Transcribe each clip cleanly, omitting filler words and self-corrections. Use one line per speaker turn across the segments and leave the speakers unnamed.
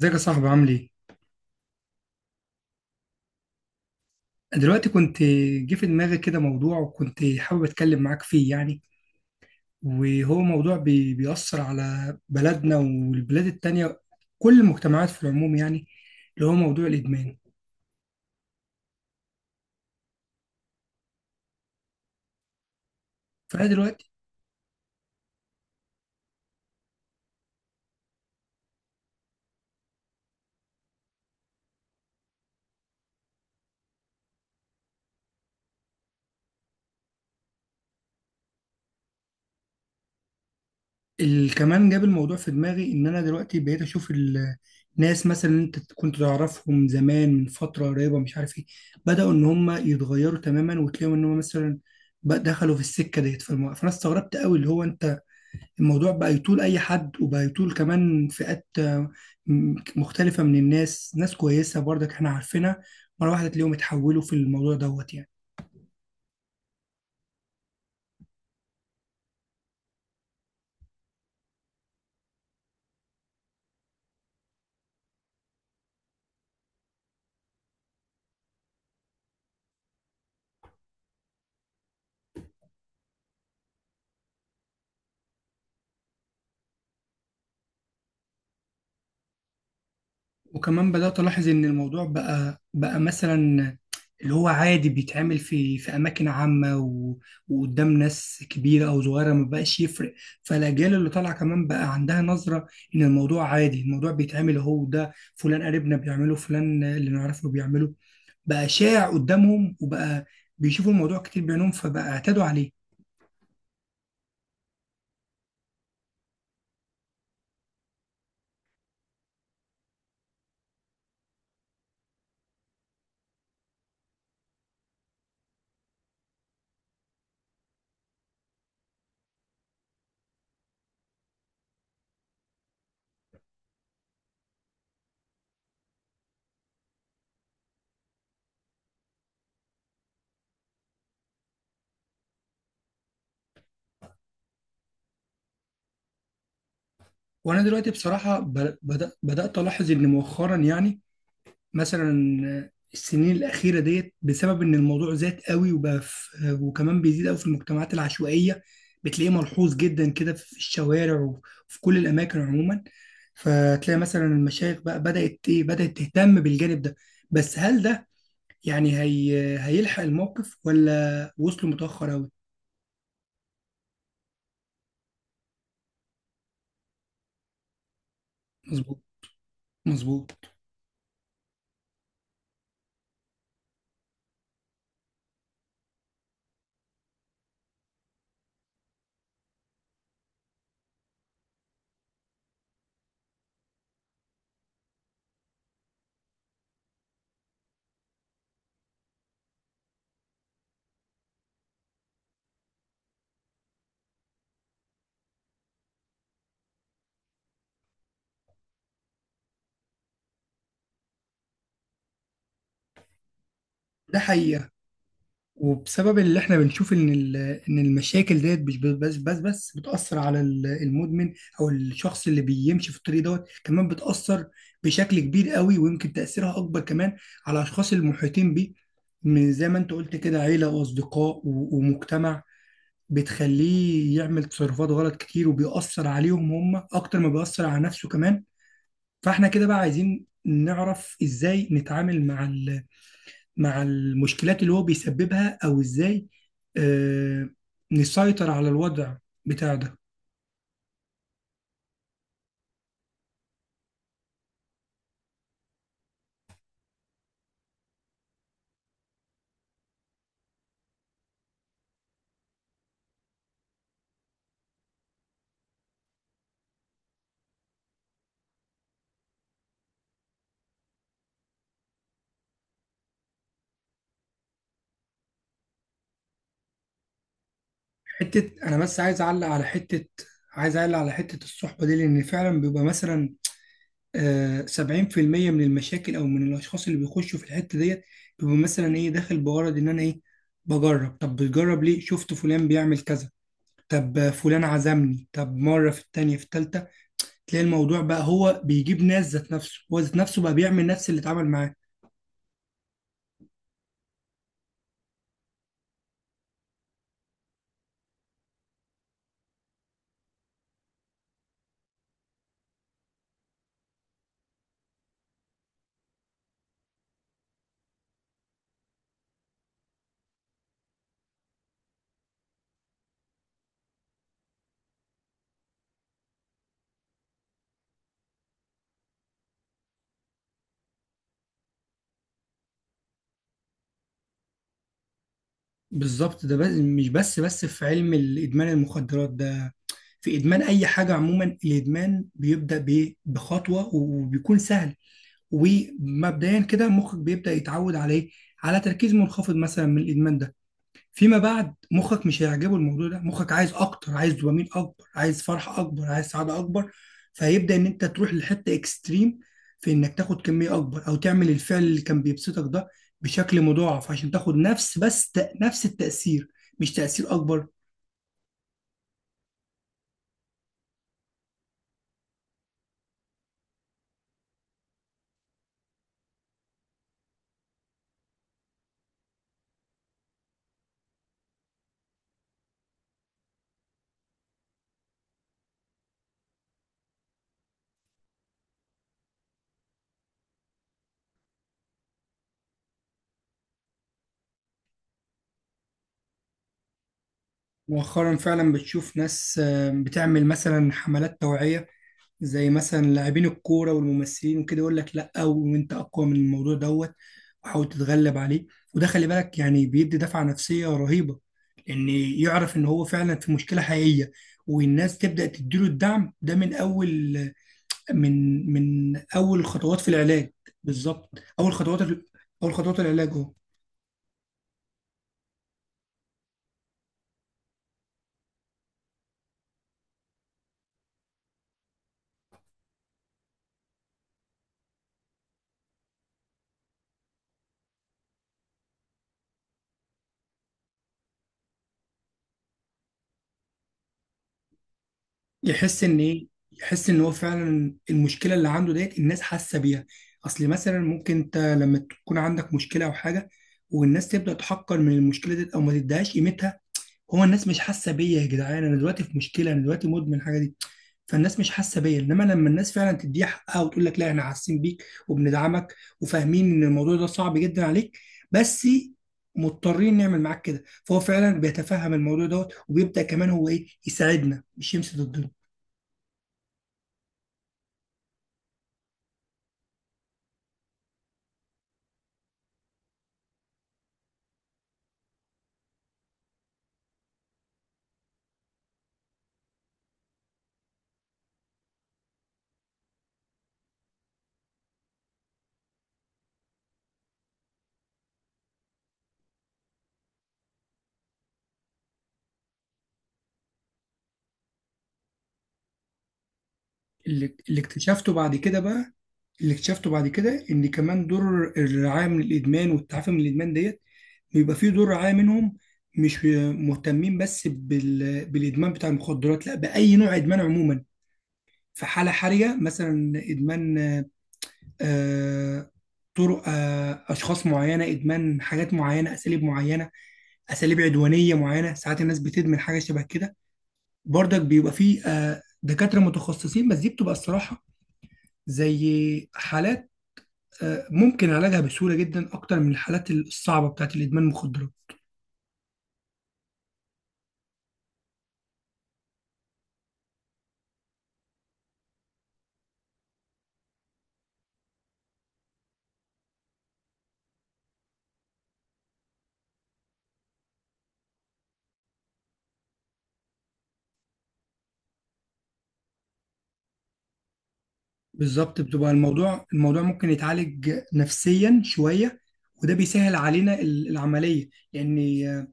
ازيك يا صاحبي، عامل ايه؟ دلوقتي كنت جه في دماغي كده موضوع، وكنت حابب اتكلم معاك فيه يعني. وهو موضوع بيأثر على بلدنا والبلاد التانية، كل المجتمعات في العموم يعني. اللي هو موضوع الإدمان. فأنا دلوقتي كمان جاب الموضوع في دماغي إن أنا دلوقتي بقيت أشوف الناس مثلا، اللي أنت كنت تعرفهم زمان من فترة قريبة مش عارف ايه، بدأوا إن هم يتغيروا تماما، وتلاقيهم إن هم مثلا بقى دخلوا في السكة ديت. فأنا استغربت قوي اللي هو أنت، الموضوع بقى يطول اي حد، وبقى يطول كمان فئات مختلفة من الناس، ناس كويسة برضك احنا عارفينها، مرة واحدة تلاقيهم اتحولوا في الموضوع دوت يعني. وكمان بدأت ألاحظ إن الموضوع بقى مثلا اللي هو عادي، بيتعمل في أماكن عامة، و... وقدام ناس كبيرة أو صغيرة، ما بقاش يفرق. فالأجيال اللي طالعة كمان بقى عندها نظرة إن الموضوع عادي، الموضوع بيتعمل أهو، ده فلان قريبنا بيعمله، فلان اللي نعرفه بيعمله، بقى شائع قدامهم، وبقى بيشوفوا الموضوع كتير بعينهم، فبقى اعتادوا عليه. وأنا دلوقتي بصراحة بدأت ألاحظ إن مؤخرا يعني، مثلا السنين الأخيرة ديت، بسبب إن الموضوع زاد قوي وبقى في، وكمان بيزيد قوي في المجتمعات العشوائية، بتلاقيه ملحوظ جدا كده في الشوارع وفي كل الأماكن عموما. فتلاقي مثلا المشايخ بقى بدأت تهتم بالجانب ده. بس هل ده يعني هي هيلحق الموقف ولا وصلوا متأخر قوي؟ مظبوط. مظبوط. ده حقيقة. وبسبب اللي احنا بنشوف ان ان المشاكل ديت مش بس بتأثر على المدمن او الشخص اللي بيمشي في الطريق دوت، كمان بتأثر بشكل كبير قوي، ويمكن تأثيرها اكبر كمان على الاشخاص المحيطين بيه. من زي ما انت قلت كده، عيلة واصدقاء ومجتمع، بتخليه يعمل تصرفات غلط كتير، وبيأثر عليهم هم اكتر ما بيأثر على نفسه كمان. فاحنا كده بقى عايزين نعرف ازاي نتعامل مع مع المشكلات اللي هو بيسببها، او ازاي آه، نسيطر على الوضع بتاع ده. حتة انا بس عايز اعلق على حتة عايز اعلق على حتة الصحبة دي، لان فعلا بيبقى مثلا 70% من المشاكل او من الاشخاص اللي بيخشوا في الحتة ديت، بيبقى مثلا ايه داخل بغرض ان انا بجرب. طب بتجرب ليه؟ شفت فلان بيعمل كذا. طب فلان عزمني. طب مرة، في التانية، في التالتة تلاقي الموضوع بقى، هو بيجيب ناس ذات نفسه، هو ذات نفسه بقى بيعمل نفس اللي اتعمل معاه. بالظبط. ده بس مش بس في علم الادمان المخدرات ده، في ادمان اي حاجه عموما. الادمان بيبدا بايه؟ بخطوه، وبيكون سهل. ومبدئيا كده مخك بيبدا يتعود عليه على تركيز منخفض مثلا من الادمان ده. فيما بعد مخك مش هيعجبه الموضوع ده، مخك عايز اكتر، عايز دوبامين اكبر، عايز فرحه اكبر، عايز سعاده اكبر. فهيبدا ان انت تروح لحته اكستريم، في انك تاخد كميه اكبر او تعمل الفعل اللي كان بيبسطك ده بشكل مضاعف، عشان تاخد نفس بس نفس التاثير، مش تاثير اكبر. مؤخرا فعلا بتشوف ناس بتعمل مثلا حملات توعيه، زي مثلا لاعبين الكوره والممثلين وكده، يقول لك لا، وانت اقوى من الموضوع دوت، وحاول تتغلب عليه. وده خلي بالك يعني بيدي دفعة نفسية رهيبة، لأن يعرف إن هو فعلا في مشكلة حقيقية، والناس تبدأ تديله الدعم ده من أول، من أول خطوات في العلاج. بالظبط. أول خطوات أول خطوات العلاج أهو. يحس إن هو فعلا المشكلة اللي عنده ديت الناس حاسة بيها. أصل مثلا ممكن أنت لما تكون عندك مشكلة أو حاجة، والناس تبدأ تحقر من المشكلة ديت أو ما تديهاش قيمتها، هو الناس مش حاسه بيا، يا جدعان انا دلوقتي في مشكله، انا دلوقتي مدمن الحاجه دي، فالناس مش حاسه بيا. انما لما الناس فعلا تديها حقها وتقول لك لا، احنا حاسين بيك وبندعمك، وفاهمين ان الموضوع ده صعب جدا عليك، بس مضطرين نعمل معاك كده، فهو فعلا بيتفهم الموضوع دوت، وبيبدا كمان هو يساعدنا، مش يمشي ضدنا. اللي اكتشفته بعد كده بقى، اللي اكتشفته بعد كده، ان كمان دور الرعايه من الادمان والتعافي من الادمان ديت، بيبقى فيه دور رعاية منهم، مش مهتمين بس بالإدمان بتاع المخدرات، لا بأي نوع إدمان عموما. في حالة حرجة مثلا، إدمان آه، طرق، أشخاص معينة، إدمان حاجات معينة، أساليب معينة، أساليب عدوانية معينة، ساعات الناس بتدمن حاجة شبه كده. برضك بيبقى فيه دكاترة متخصصين، بس دي بتبقى الصراحة زي حالات ممكن علاجها بسهولة جدا أكتر من الحالات الصعبة بتاعت الإدمان المخدرات. بالظبط، بتبقى الموضوع ممكن يتعالج نفسيا شوية، وده بيسهل علينا العملية. لأن آه،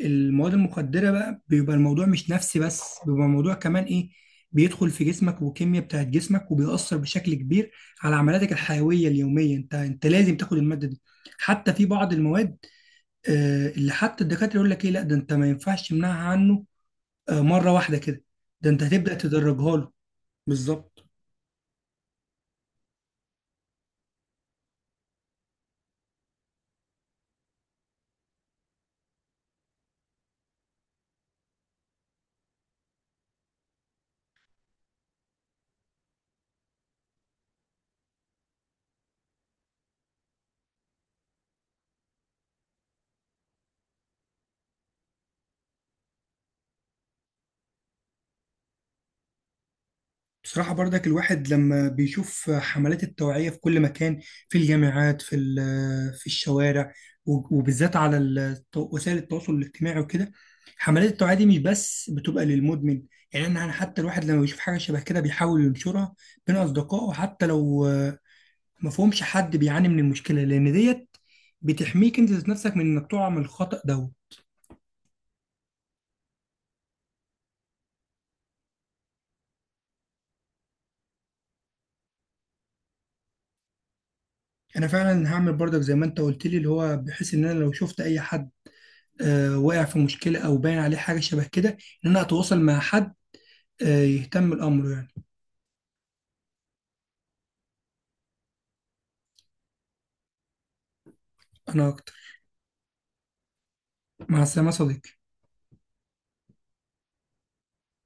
المواد المخدرة بقى، بيبقى الموضوع مش نفسي بس، بيبقى الموضوع كمان بيدخل في جسمك والكيمياء بتاعت جسمك، وبيأثر بشكل كبير على عملياتك الحيوية اليومية. أنت لازم تاخد المادة دي حتى، في بعض المواد اللي حتى الدكاترة يقول لك إيه، لا ده أنت ما ينفعش تمنعها عنه مرة واحدة كده، ده انت هتبدأ تدرجها له. بالظبط. بصراحة برضك، الواحد لما بيشوف حملات التوعية في كل مكان، في الجامعات، في الشوارع، وبالذات على وسائل التواصل الاجتماعي وكده، حملات التوعية دي مش بس بتبقى للمدمن، يعني أنا حتى الواحد لما بيشوف حاجة شبه كده بيحاول ينشرها بين أصدقائه، حتى لو ما فهمش، حد بيعاني من المشكلة، لأن ديت بتحميك أنت ذات نفسك من إنك تقع من الخطأ ده. انا فعلا هعمل برضك زي ما انت قلت لي، اللي هو بحيث ان انا لو شفت اي حد واقع في مشكله او باين عليه حاجه شبه كده، ان انا اتواصل مع حد يهتم الامر يعني. انا اكتر. مع السلامه يا صديقي.